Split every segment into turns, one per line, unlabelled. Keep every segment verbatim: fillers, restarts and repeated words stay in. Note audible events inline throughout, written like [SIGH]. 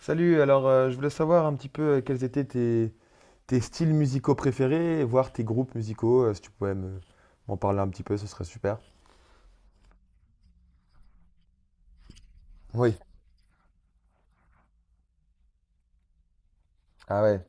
Salut, alors euh, je voulais savoir un petit peu euh, quels étaient tes, tes styles musicaux préférés, voire tes groupes musicaux, euh, si tu pouvais me- m'en parler un petit peu, ce serait super. Oui. Ah ouais.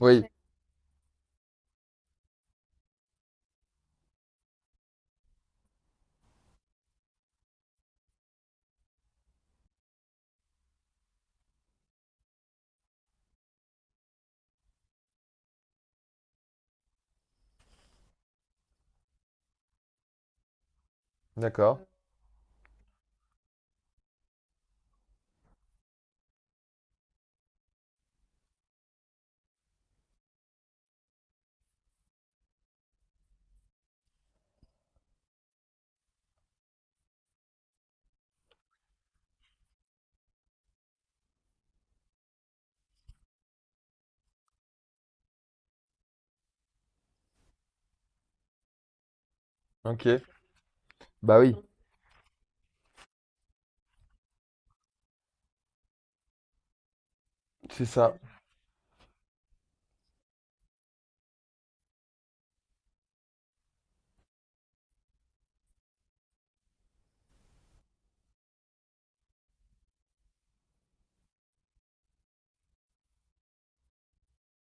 Oui. D'accord, ok. Bah oui. C'est ça.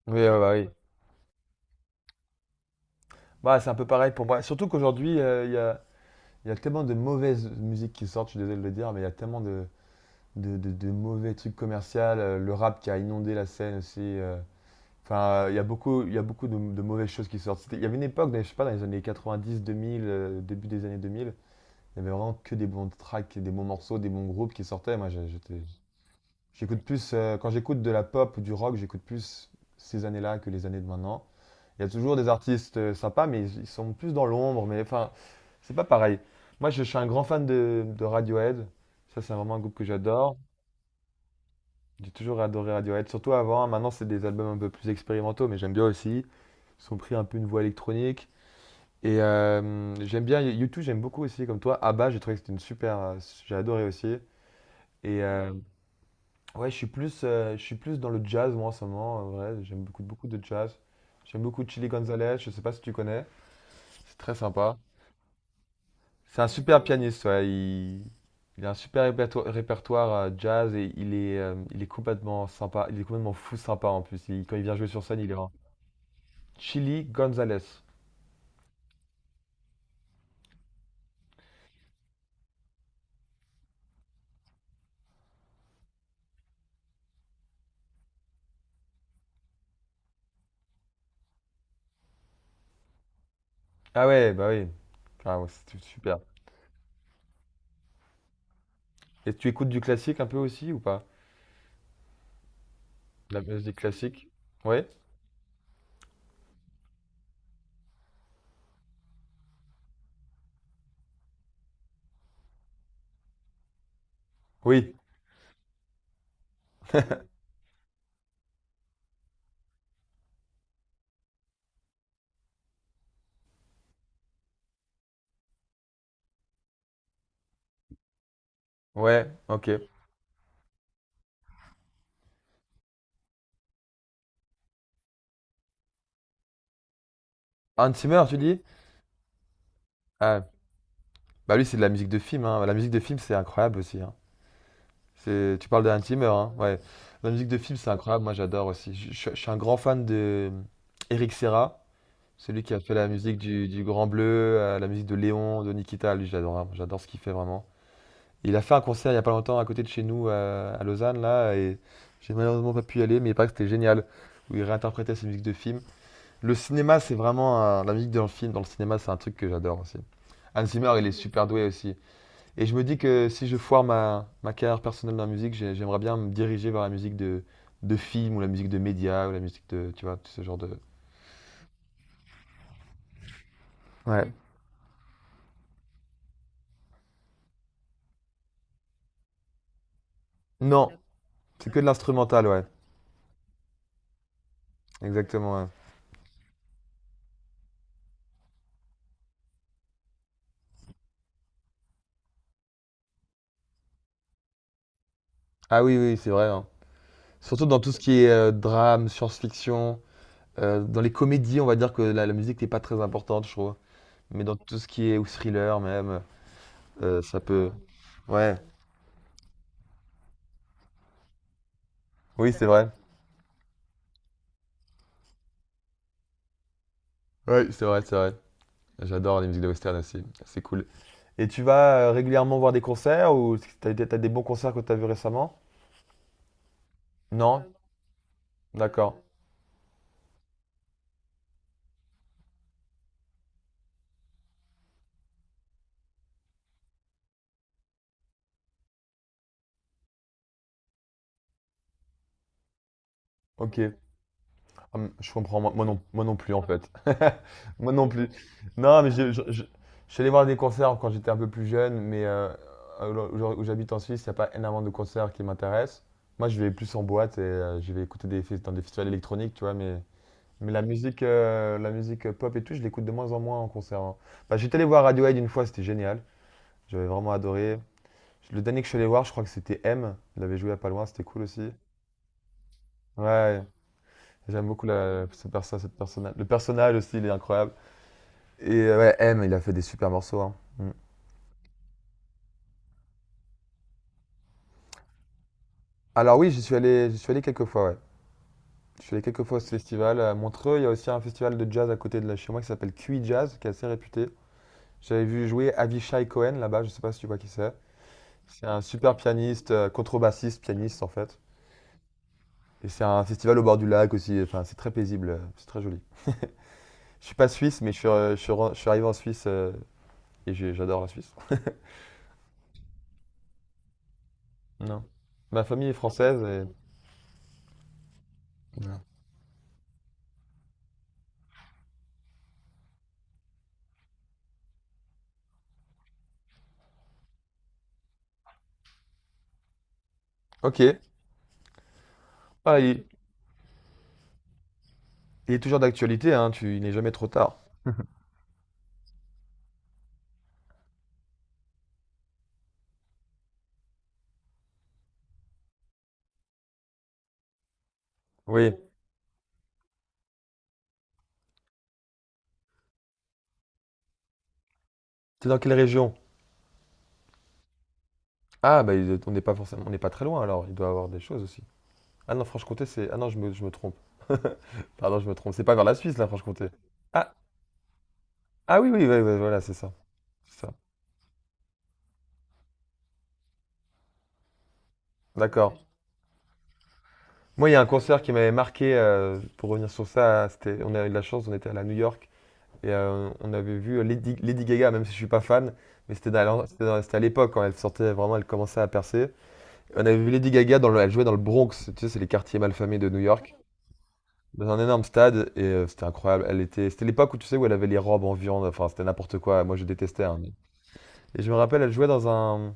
Oui, ouais, bah oui. Bah, c'est un peu pareil pour moi, surtout qu'aujourd'hui, euh, il y a, il y a tellement de mauvaises musiques qui sortent, je suis désolé de le dire, mais il y a tellement de, de, de- de mauvais trucs commerciaux, euh, le rap qui a inondé la scène aussi. euh, Enfin, il y a beaucoup, il y a beaucoup de, de mauvaises choses qui sortent. C'était- Il y avait une époque, dans- je sais pas, dans les années quatre-vingt-dix, deux mille, euh, début des années deux mille, il y avait vraiment que des bons tracks, des bons morceaux, des bons groupes qui sortaient. Moi, j'ai- j'étais, j'écoute plus, euh, quand j'écoute de la pop ou du rock, j'écoute plus ces années-là que les années de maintenant. Il y a toujours des artistes euh, sympas, mais ils ils sont plus dans l'ombre. Mais enfin, c'est pas pareil. Moi, je, je suis un grand fan de, de Radiohead. Ça, c'est vraiment un groupe que j'adore. J'ai toujours adoré Radiohead, surtout avant. Maintenant, c'est des albums un peu plus expérimentaux, mais j'aime bien aussi. Ils ont pris un peu une voie électronique. Et euh, j'aime bien YouTube, j'aime beaucoup aussi, comme toi. Abba, j'ai trouvé que c'était une super. euh, J'ai adoré aussi. Et euh, ouais, je suis plus, euh, je suis plus dans le jazz, moi, en ce moment. En vrai. J'aime beaucoup, beaucoup de jazz. J'aime beaucoup Chili Gonzalez, je sais pas si tu connais. C'est très sympa. C'est un super pianiste, ouais. Il, il a un super réperto- répertoire, euh, jazz et il est, euh, il est complètement sympa. Il est complètement fou sympa en plus. Il- quand il vient jouer sur scène, il est. un- Chili Gonzalez. Ah ouais, bah oui. Ah ouais, c'était super. Et tu écoutes du classique un peu aussi ou pas? La musique classique? Ouais? Oui. Ouais, ok. Hans Zimmer, tu dis? Ah, bah lui, c'est de la musique de film, hein. La musique de film, c'est incroyable aussi, hein. C'est. Tu parles de Hans Zimmer, hein? Ouais. La musique de film, c'est incroyable. Moi, j'adore aussi. Je, je- je suis un grand fan de euh, Eric Serra, celui qui a fait la musique du, du Grand Bleu, euh, la musique de Léon, de Nikita. Lui, j'adore, hein. J'adore ce qu'il fait vraiment. Il a fait un concert il y a pas longtemps à côté de chez nous, à, à Lausanne, là, et j'ai malheureusement pas pu y aller, mais il paraît que c'était génial, où il réinterprétait ses musiques de films. Le cinéma, c'est vraiment un- la musique dans le film. Dans le cinéma, c'est un truc que j'adore aussi. Hans Zimmer, il est super doué aussi. Et je me dis que si je foire ma, ma carrière personnelle dans la musique, j'ai- j'aimerais bien me diriger vers la musique de, de film ou la musique de médias ou la musique de, tu vois, tout ce genre de. Ouais. Non, c'est que de l'instrumental, ouais. Exactement, ouais. Ah oui, oui, c'est vrai, hein. Surtout dans tout ce qui est euh, drame, science-fiction. Heu, dans les comédies, on va dire que la la musique n'est pas très importante, je trouve. Mais dans tout ce qui est ou thriller même, heu, ça peut, ouais, oui, c'est vrai. Oui, c'est vrai, c'est vrai. J'adore les musiques de western aussi, c'est cool. Et tu vas, heu, régulièrement voir des concerts ou t'as as des bons concerts que t'as as vus récemment? Non? D'accord, OK. Hum, Je comprends, moi, moi non, moi non plus en fait. [LAUGHS] Moi non plus. Non, mais je, je, je- je suis allé voir des concerts quand j'étais un peu plus jeune, mais euh, où, où j'habite en Suisse, il n'y a pas énormément de concerts qui m'intéressent. Moi, je vais plus en boîte et euh, je vais écouter des, fes- dans des festivals électroniques, tu vois, mais, mais la musique, euh, la musique pop et tout, je l'écoute de moins en moins en concert, hein. Bah, j'étais allé voir Radiohead une fois, c'était génial. J'avais vraiment adoré. Le dernier que je suis allé voir, je crois que c'était M. Il avait joué à pas loin, c'était cool aussi. Ouais. J'aime beaucoup la, ce perso- cette personnage. Le personnage aussi, il est incroyable. Et euh, ouais, M, il a fait des super morceaux, hein. Mm. Alors oui, j'y suis allé, j'y suis allé quelques fois, ouais. Je suis allé quelques fois à ce festival. À Montreux, il y a aussi un festival de jazz à côté de là, chez moi qui s'appelle Q I Jazz, qui est assez réputé. J'avais vu jouer Avishai Cohen là-bas, je sais pas si tu vois qui c'est. C'est un super pianiste, euh, contrebassiste, pianiste en fait. Et c'est un festival au bord du lac aussi, enfin c'est très paisible, euh, c'est très joli. Je suis pas suisse, mais je suis, euh, je suis, je suis arrivé en Suisse, euh, et j'adore la Suisse. Non. Ma famille est française et. Ouais. Ok. Ah, il, il est toujours d'actualité, hein, tu, il n'est jamais trop tard. Oui. T'es dans quelle région? Ah, bah, il- on n'est pas forcément, on n'est pas très loin alors, il doit avoir des choses aussi. Ah non, Franche-Comté, c'est. Ah non, je me, je me trompe. [LAUGHS] Pardon, je me trompe. C'est pas vers la Suisse, là, Franche-Comté. Ah, ah oui, oui, oui, oui, voilà, c'est ça. C'est ça. D'accord. Moi, il y a un concert qui m'avait marqué, euh, pour revenir sur ça, c'était, on a eu de la chance, on était allé à New York et euh, on avait vu Lady, Lady Gaga, même si je suis pas fan, mais c'était dans la- c'était dans- c'était à l'époque quand elle sortait vraiment, elle commençait à percer. On avait vu Lady Gaga, dans le, elle jouait dans le Bronx, tu sais, c'est les quartiers malfamés de New York, dans un énorme stade, et euh, c'était incroyable. Elle était, c'était l'époque où tu sais où elle avait les robes en viande, enfin c'était n'importe quoi. Moi je détestais, hein, mais- et je me rappelle, elle jouait dans un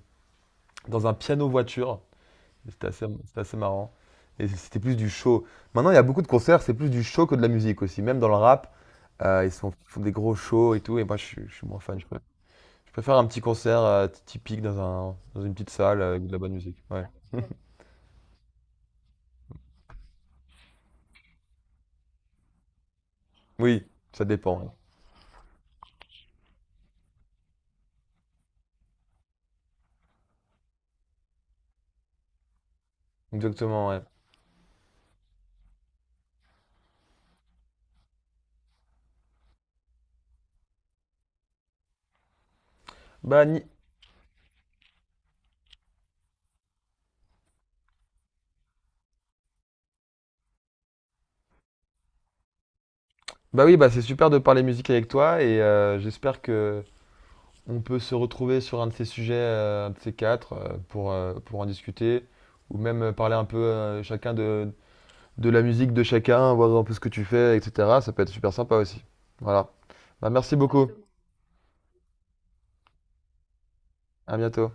dans un piano voiture. C'était assez, c'était assez marrant. Et c'était plus du show. Maintenant il y a beaucoup de concerts, c'est plus du show que de la musique aussi. Même dans le rap, euh, ils sont- font des gros shows et tout. Et moi je suis, je suis moins fan. Je préfère, je préfère un petit concert euh, typique dans un dans une petite salle avec de la bonne musique. Ouais. Oui, ça dépend, ouais. Exactement, ouais. Bah, ni- bah oui, bah c'est super de parler musique avec toi et euh, j'espère que on peut se retrouver sur un de ces sujets, euh, un de ces quatre, euh, pour, euh, pour en discuter ou même euh, parler un peu euh, chacun de, de la musique de chacun, voir un peu ce que tu fais, et cetera. Ça peut être super sympa aussi. Voilà. Bah merci beaucoup. À bientôt.